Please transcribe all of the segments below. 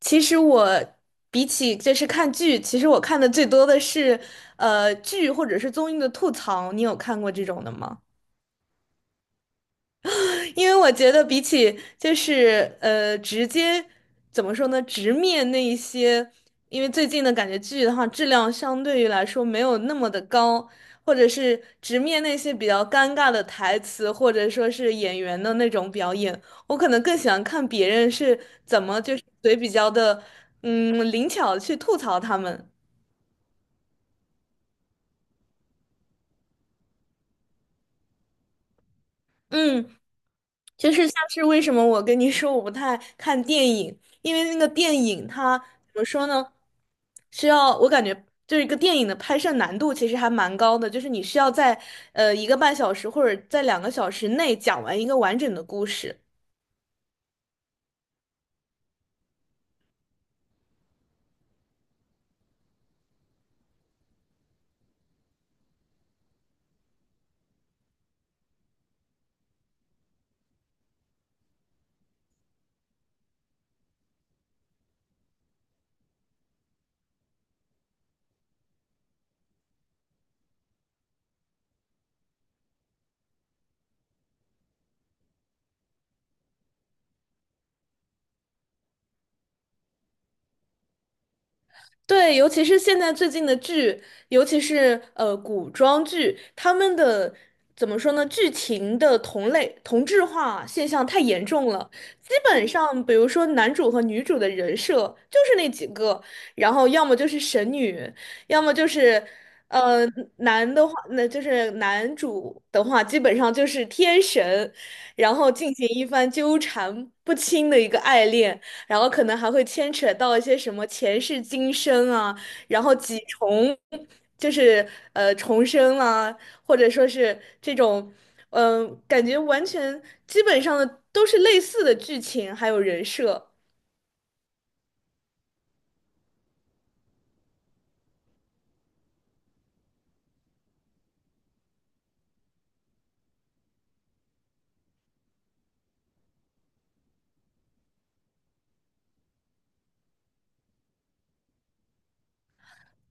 其实我比起就是看剧，其实我看的最多的是剧或者是综艺的吐槽。你有看过这种的吗？因为我觉得比起就是直接怎么说呢，直面那一些，因为最近的感觉剧的话，质量相对于来说没有那么的高，或者是直面那些比较尴尬的台词，或者说是演员的那种表演，我可能更喜欢看别人是怎么就是嘴比较的嗯灵巧去吐槽他们。嗯，就是像是为什么我跟你说我不太看电影，因为那个电影它怎么说呢？需要我感觉就是一个电影的拍摄难度其实还蛮高的，就是你需要在一个半小时或者在两个小时内讲完一个完整的故事。对，尤其是现在最近的剧，尤其是古装剧，他们的怎么说呢？剧情的同类同质化现象太严重了。基本上，比如说男主和女主的人设就是那几个，然后要么就是神女，要么就是呃男的话，那就是男主的话，基本上就是天神，然后进行一番纠缠不清的一个爱恋。然后可能还会牵扯到一些什么前世今生啊，然后几重，就是重生啊，或者说是这种，嗯、感觉完全基本上的都是类似的剧情，还有人设。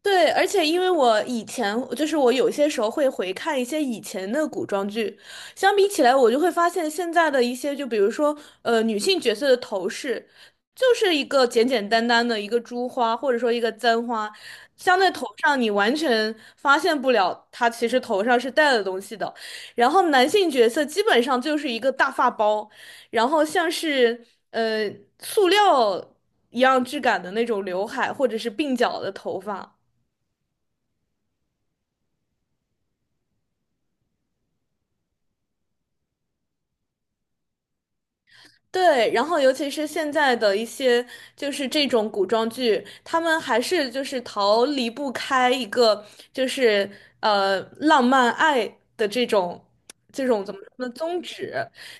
对，而且因为我以前就是我有些时候会回看一些以前的古装剧，相比起来，我就会发现现在的一些，就比如说女性角色的头饰，就是一个简简单单的一个珠花或者说一个簪花，镶在头上，你完全发现不了她其实头上是戴了东西的。然后男性角色基本上就是一个大发包，然后像是呃塑料一样质感的那种刘海或者是鬓角的头发。对，然后尤其是现在的一些就是这种古装剧，他们还是就是逃离不开一个就是浪漫爱的这种这种怎么说呢宗旨，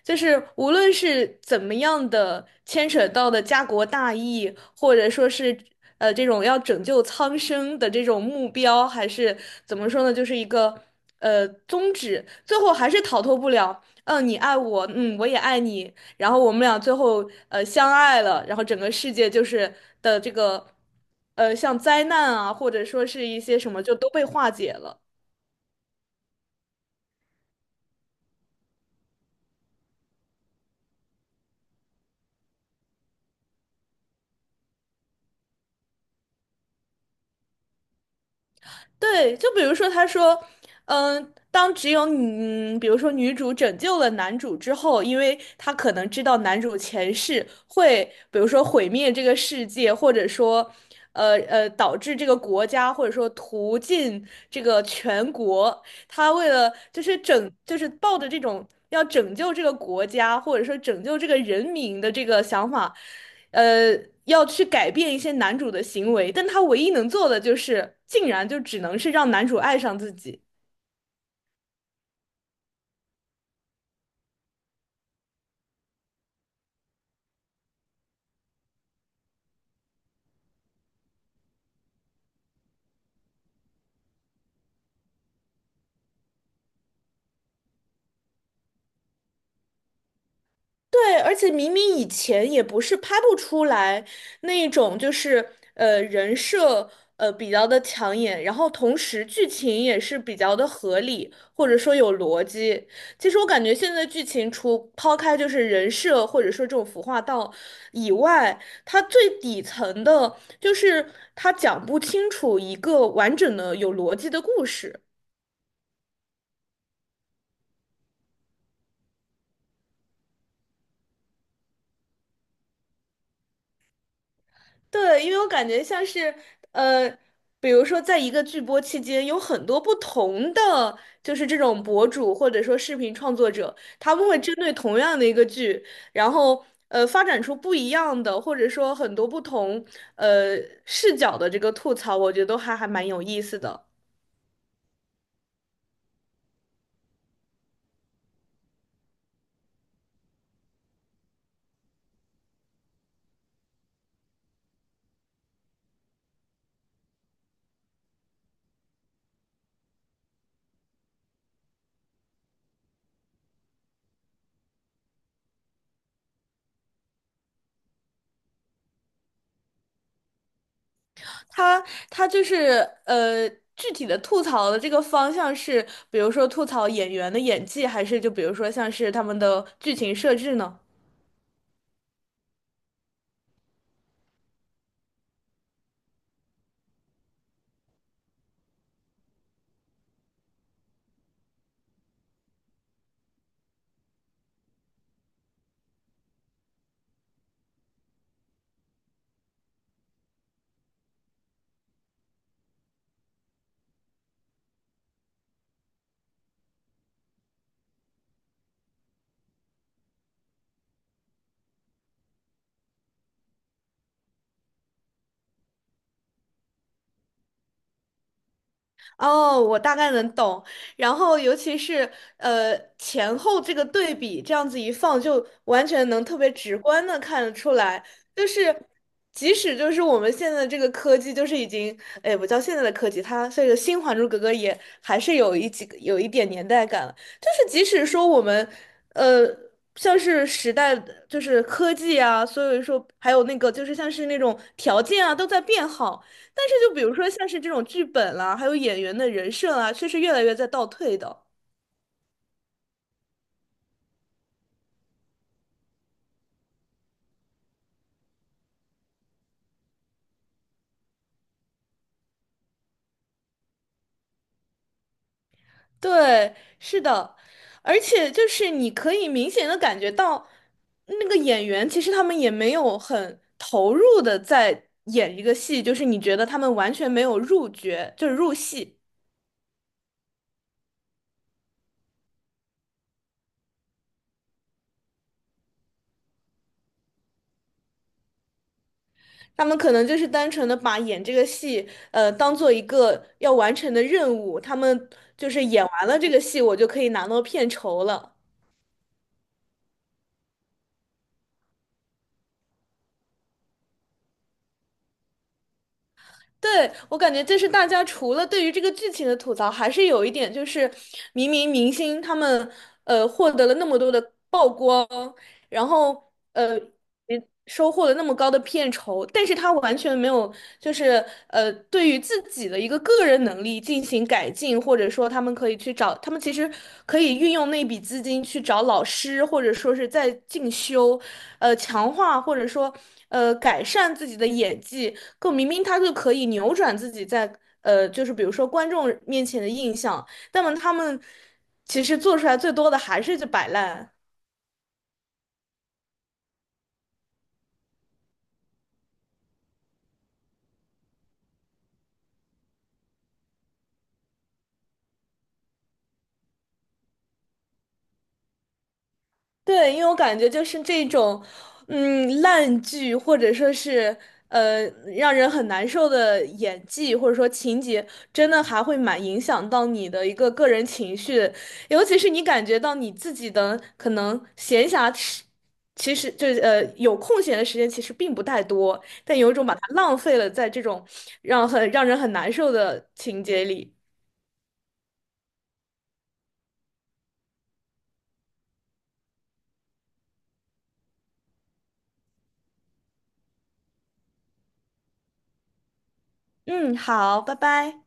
就是无论是怎么样的牵扯到的家国大义，或者说是这种要拯救苍生的这种目标，还是怎么说呢，就是一个宗旨，最后还是逃脱不了。嗯，你爱我，嗯，我也爱你，然后我们俩最后相爱了，然后整个世界就是的这个像灾难啊，或者说是一些什么就都被化解了。对，就比如说，他说，嗯，当只有你，比如说女主拯救了男主之后，因为她可能知道男主前世会，比如说毁灭这个世界，或者说，导致这个国家，或者说屠尽这个全国，他为了就是拯，就是抱着这种要拯救这个国家，或者说拯救这个人民的这个想法。呃，要去改变一些男主的行为，但他唯一能做的就是，竟然就只能是让男主爱上自己。对，而且明明以前也不是拍不出来那种，就是人设比较的抢眼，然后同时剧情也是比较的合理，或者说有逻辑。其实我感觉现在剧情除抛开就是人设或者说这种服化道以外，它最底层的就是它讲不清楚一个完整的有逻辑的故事。对，因为我感觉像是呃，比如说在一个剧播期间，有很多不同的就是这种博主或者说视频创作者，他们会针对同样的一个剧，然后发展出不一样的，或者说很多不同呃视角的这个吐槽，我觉得都还蛮有意思的。他他就是呃具体的吐槽的这个方向是，比如说吐槽演员的演技，还是就比如说像是他们的剧情设置呢？哦，我大概能懂。然后，尤其是前后这个对比，这样子一放，就完全能特别直观的看得出来。就是即使就是我们现在这个科技，就是已经，哎，不叫现在的科技，它这个新《还珠格格》也还是有一点年代感了。就是即使说我们，呃，像是时代的，就是科技啊，所以说还有那个就是像是那种条件啊，都在变好。但是就比如说像是这种剧本啦，还有演员的人设啊，却是越来越在倒退的。对，是的，而且就是你可以明显的感觉到，那个演员其实他们也没有很投入的在演一个戏，就是你觉得他们完全没有入角，就是入戏，他们可能就是单纯的把演这个戏，当做一个要完成的任务，他们就是演完了这个戏，我就可以拿到片酬了。对，我感觉就是大家除了对于这个剧情的吐槽，还是有一点就是，明明明星他们获得了那么多的曝光，然后也收获了那么高的片酬，但是他完全没有就是对于自己的一个个人能力进行改进，或者说他们可以去找，他们其实可以运用那笔资金去找老师，或者说是在进修，强化或者说改善自己的演技。可明明他就可以扭转自己在就是比如说观众面前的印象，但么他们其实做出来最多的还是就摆烂。对，因为我感觉就是这种，嗯，烂剧或者说是呃让人很难受的演技，或者说情节，真的还会蛮影响到你的一个个人情绪的尤其是你感觉到你自己的可能闲暇时，其实就是有空闲的时间其实并不太多，但有一种把它浪费了在这种让很让人很难受的情节里。嗯，好，拜拜。